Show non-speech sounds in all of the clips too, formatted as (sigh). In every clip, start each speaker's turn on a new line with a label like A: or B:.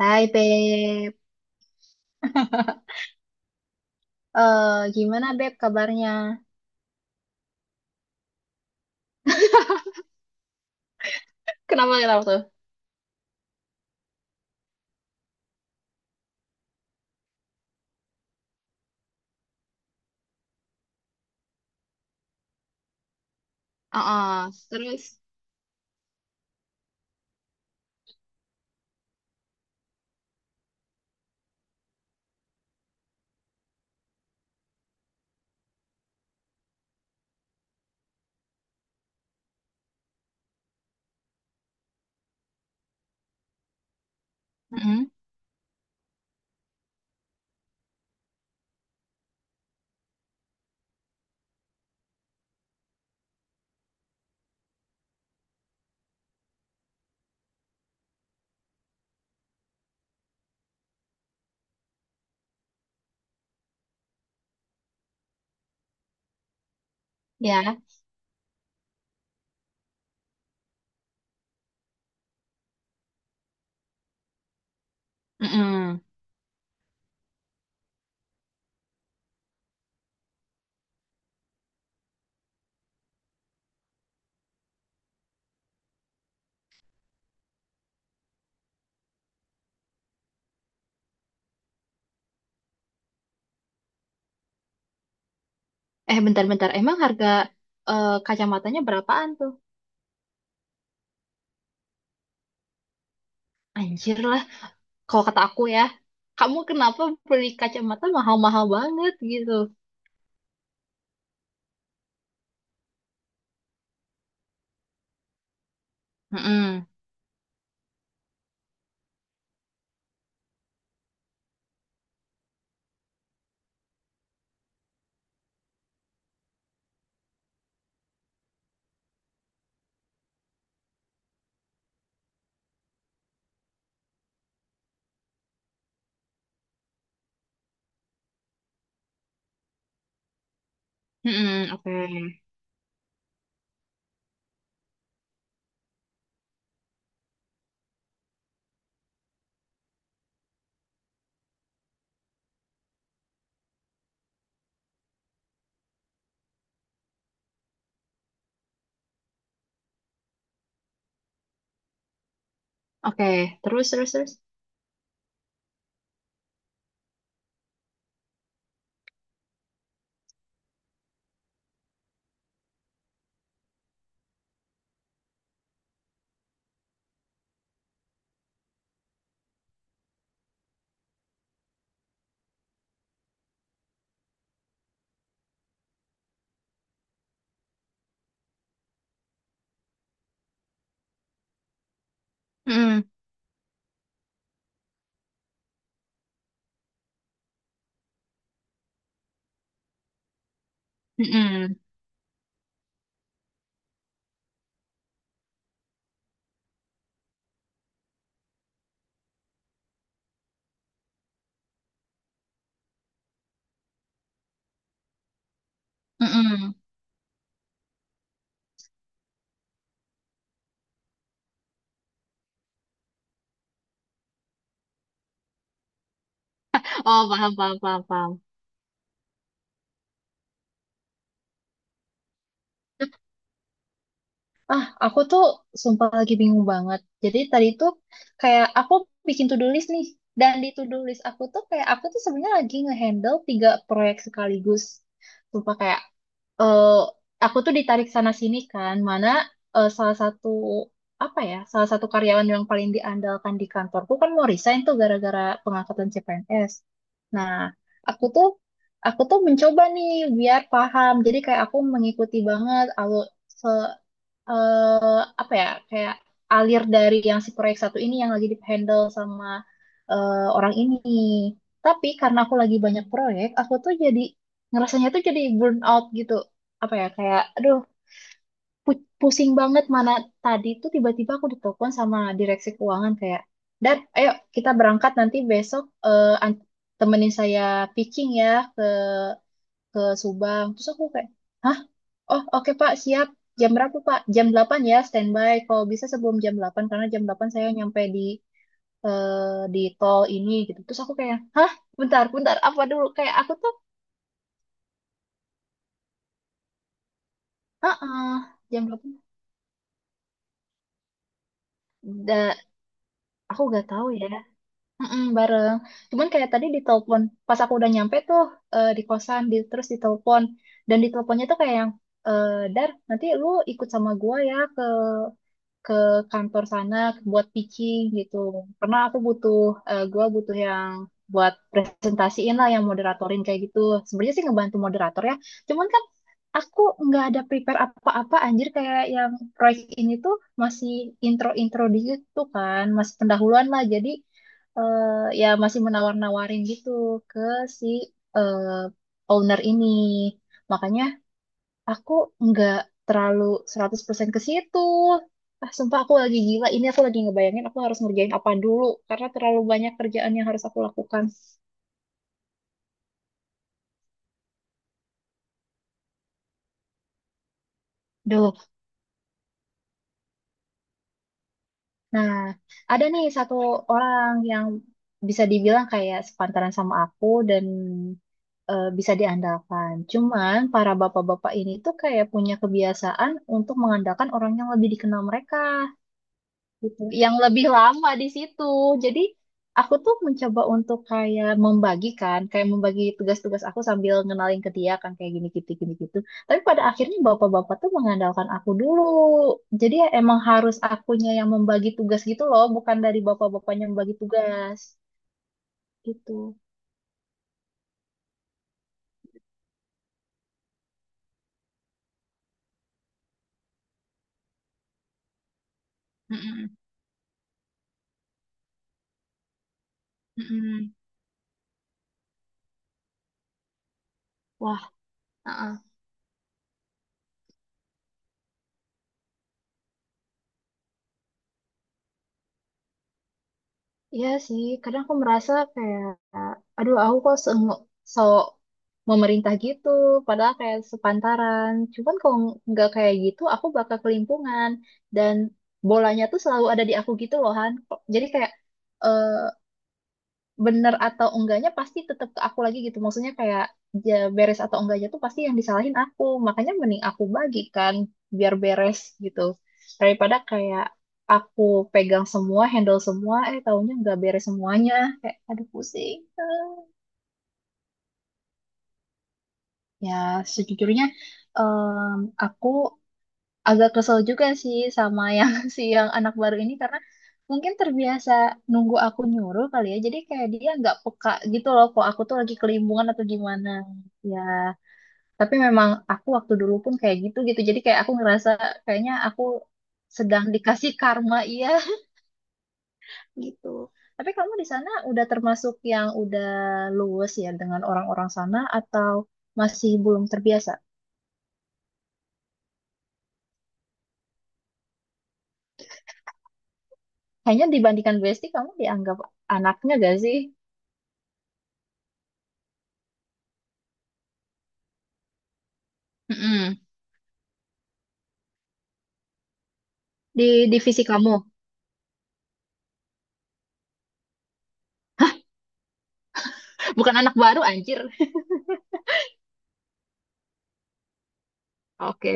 A: Hai Beb, (laughs) eh gimana Beb kabarnya? (laughs) Kenapa kenapa tuh? Oh, oh, terus, Mm-mm, ya, Mm-mm. Eh bentar-bentar, emang kacamatanya berapaan tuh? Anjir lah, kalau kata aku ya, kamu kenapa beli kacamata mahal-mahal banget gitu? Mm-mm, mm-mm, Oke, Oke, Terus terus terus, Mm-mm, mm-mm, mm-mm. Oh paham paham paham paham. Ah, aku tuh sumpah lagi bingung banget. Jadi tadi tuh kayak aku bikin to-do list nih. Dan di to-do list aku tuh kayak aku tuh sebenarnya lagi ngehandle tiga proyek sekaligus. Sumpah kayak eh aku tuh ditarik sana sini kan, mana salah satu apa ya, salah satu karyawan yang paling diandalkan di kantorku kan mau resign tuh gara-gara pengangkatan CPNS. Nah, aku tuh aku tuh mencoba nih biar paham. Jadi kayak aku mengikuti banget alur apa ya kayak alir dari yang si proyek satu ini yang lagi di handle sama orang ini. Tapi karena aku lagi banyak proyek, aku tuh jadi ngerasanya tuh jadi burn out gitu. Apa ya kayak aduh pusing banget mana tadi tuh tiba-tiba aku ditelepon sama direksi keuangan kayak, "Dan ayo kita berangkat nanti besok temenin saya pitching ya ke ke Subang." Terus aku kayak, "Hah? Oh, oke Pak, siap. Jam berapa Pak? Jam 8 ya, standby. Kalau bisa sebelum jam 8 karena jam 8 saya nyampe di di tol ini" gitu. Terus aku kayak, hah? Bentar, bentar, apa dulu? Kayak aku tuh, heeh, jam 8. Da, aku gak tahu ya. Mm-mm, bareng. Cuman kayak tadi ditelepon, pas aku udah nyampe tuh di kosan, terus ditelepon. Dan diteleponnya tuh kayak yang, eh, "Dar, nanti lu ikut sama gua ya ke ke kantor sana buat pitching" gitu. Karena gua butuh yang buat presentasiin lah, yang moderatorin kayak gitu. Sebenarnya sih ngebantu moderator ya. Cuman kan aku nggak ada prepare apa-apa anjir kayak yang proyek ini tuh masih intro-intro di situ kan, masih pendahuluan lah. Jadi eh, ya masih menawar-nawarin gitu ke si owner ini. Makanya aku nggak terlalu 100% ke situ. Ah, sumpah aku lagi gila. Ini aku lagi ngebayangin aku harus ngerjain apa dulu. Karena terlalu banyak kerjaan yang harus aku lakukan. Duh. Nah, ada nih satu orang yang bisa dibilang kayak sepantaran sama aku dan bisa diandalkan. Cuman para bapak-bapak ini tuh kayak punya kebiasaan untuk mengandalkan orang yang lebih dikenal mereka. Gitu, yang lebih lama di situ. Jadi aku tuh mencoba untuk kayak membagikan, kayak membagi tugas-tugas aku sambil ngenalin ke dia kan kayak gini gitu gini gitu. Tapi pada akhirnya bapak-bapak tuh mengandalkan aku dulu. Jadi ya emang harus akunya yang membagi tugas gitu loh, bukan dari bapak-bapaknya yang membagi tugas gitu. Mm-mm, mm-mm. Wah, uh-uh. Iya sih, kadang aku merasa kayak, aduh aku kok sok memerintah gitu, padahal kayak sepantaran. Cuman kalau nggak kayak gitu, aku bakal kelimpungan. Dan bolanya tuh selalu ada di aku gitu loh, Han. Jadi kayak, eh, bener atau enggaknya pasti tetap ke aku lagi gitu. Maksudnya kayak ya, beres atau enggaknya tuh pasti yang disalahin aku. Makanya mending aku bagikan biar beres gitu. Daripada kayak aku pegang semua, handle semua, eh taunya enggak beres semuanya. Kayak aduh pusing. Ya sejujurnya aku agak kesel juga sih sama yang (laughs) si yang anak baru ini karena mungkin terbiasa nunggu aku nyuruh kali ya. Jadi kayak dia nggak peka gitu loh kok aku tuh lagi kelimbungan atau gimana. Ya, tapi memang aku waktu dulu pun kayak gitu gitu. Jadi kayak aku ngerasa kayaknya aku sedang dikasih karma iya (laughs) gitu. Tapi kamu di sana udah termasuk yang udah luwes ya dengan orang-orang sana atau masih belum terbiasa? Kayaknya dibandingkan Besti kamu dianggap anaknya gak sih? Di divisi kamu. Hah, bukan anak baru anjir. Oke.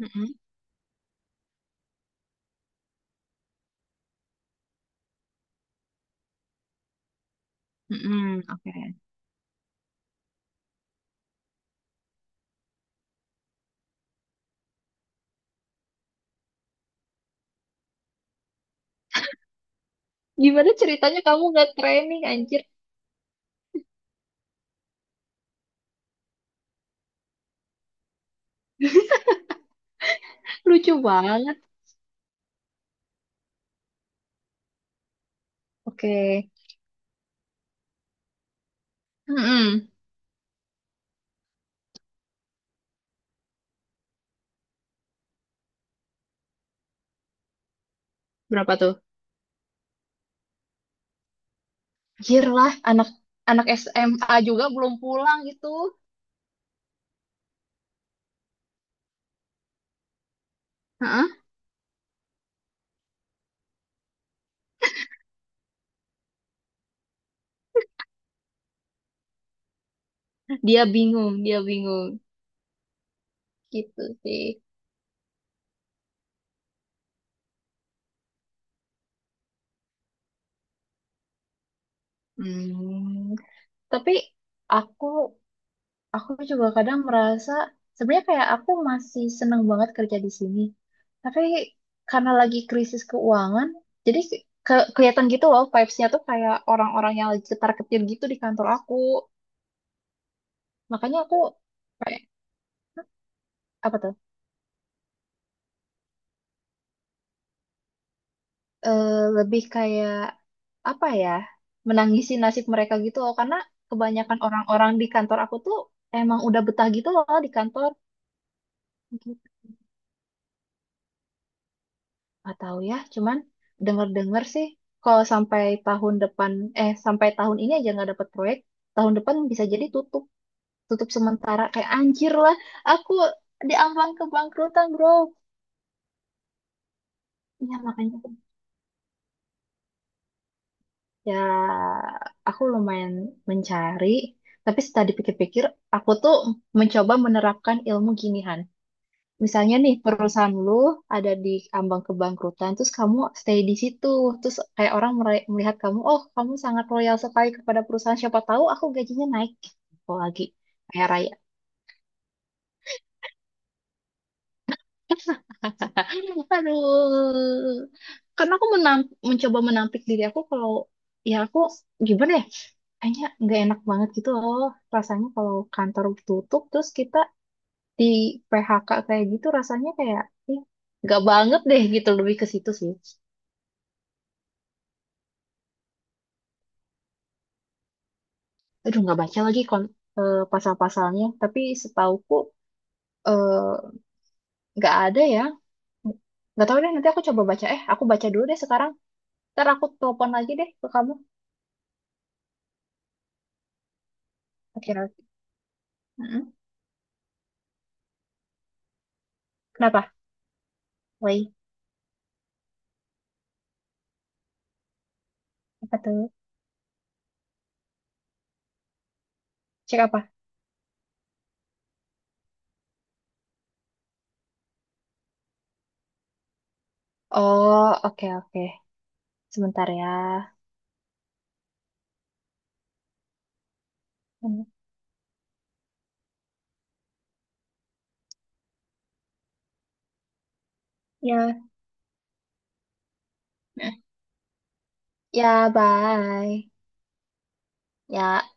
A: Mm-mm, mm-mm, Oke. Gimana ceritanya kamu nggak training anjir? Lucu banget. Oke. Mm-mm, Berapa tuh? Anjir lah, anak anak SMA juga belum pulang gitu. Heeh, Dia bingung, dia bingung. Gitu sih. Hmm. Tapi aku aku juga kadang merasa sebenarnya kayak aku masih seneng banget kerja di sini. Tapi karena lagi krisis keuangan, jadi kelihatan gitu loh vibes-nya tuh kayak orang-orang yang lagi ketar-ketir gitu di kantor aku. Makanya aku kayak apa tuh? Eh, lebih kayak apa ya? Menangisi nasib mereka gitu loh karena kebanyakan orang-orang di kantor aku tuh emang udah betah gitu loh di kantor. Nggak tahu ya, cuman dengar-dengar sih kalau sampai tahun depan eh sampai tahun ini aja nggak dapat proyek, tahun depan bisa jadi tutup, tutup sementara kayak anjir lah. Aku di ambang kebangkrutan, Bro. Ya makanya ya aku lumayan mencari, tapi setelah dipikir-pikir aku tuh mencoba menerapkan ilmu ginihan. Misalnya nih perusahaan lu ada di ambang kebangkrutan, terus kamu stay di situ, terus kayak orang melihat kamu, oh kamu sangat loyal sekali kepada perusahaan, siapa tahu aku gajinya naik gitu lagi kayak raya. (laughs) Aduh, karena aku mencoba menampik diri aku kalau ya aku gimana ya, kayaknya nggak enak banget gitu loh rasanya kalau kantor tutup terus kita di PHK kayak gitu rasanya kayak ih, nggak banget deh gitu lebih ke situ sih. Aduh nggak baca lagi pasal-pasalnya tapi setauku eh, nggak ada ya nggak tahu deh nanti aku baca dulu deh sekarang ntar aku telepon lagi deh ke kamu oke oke. Mm-mm. Kenapa Woi apa tuh cek apa oh oke oke sebentar ya. Mm. Ya ya bye ya.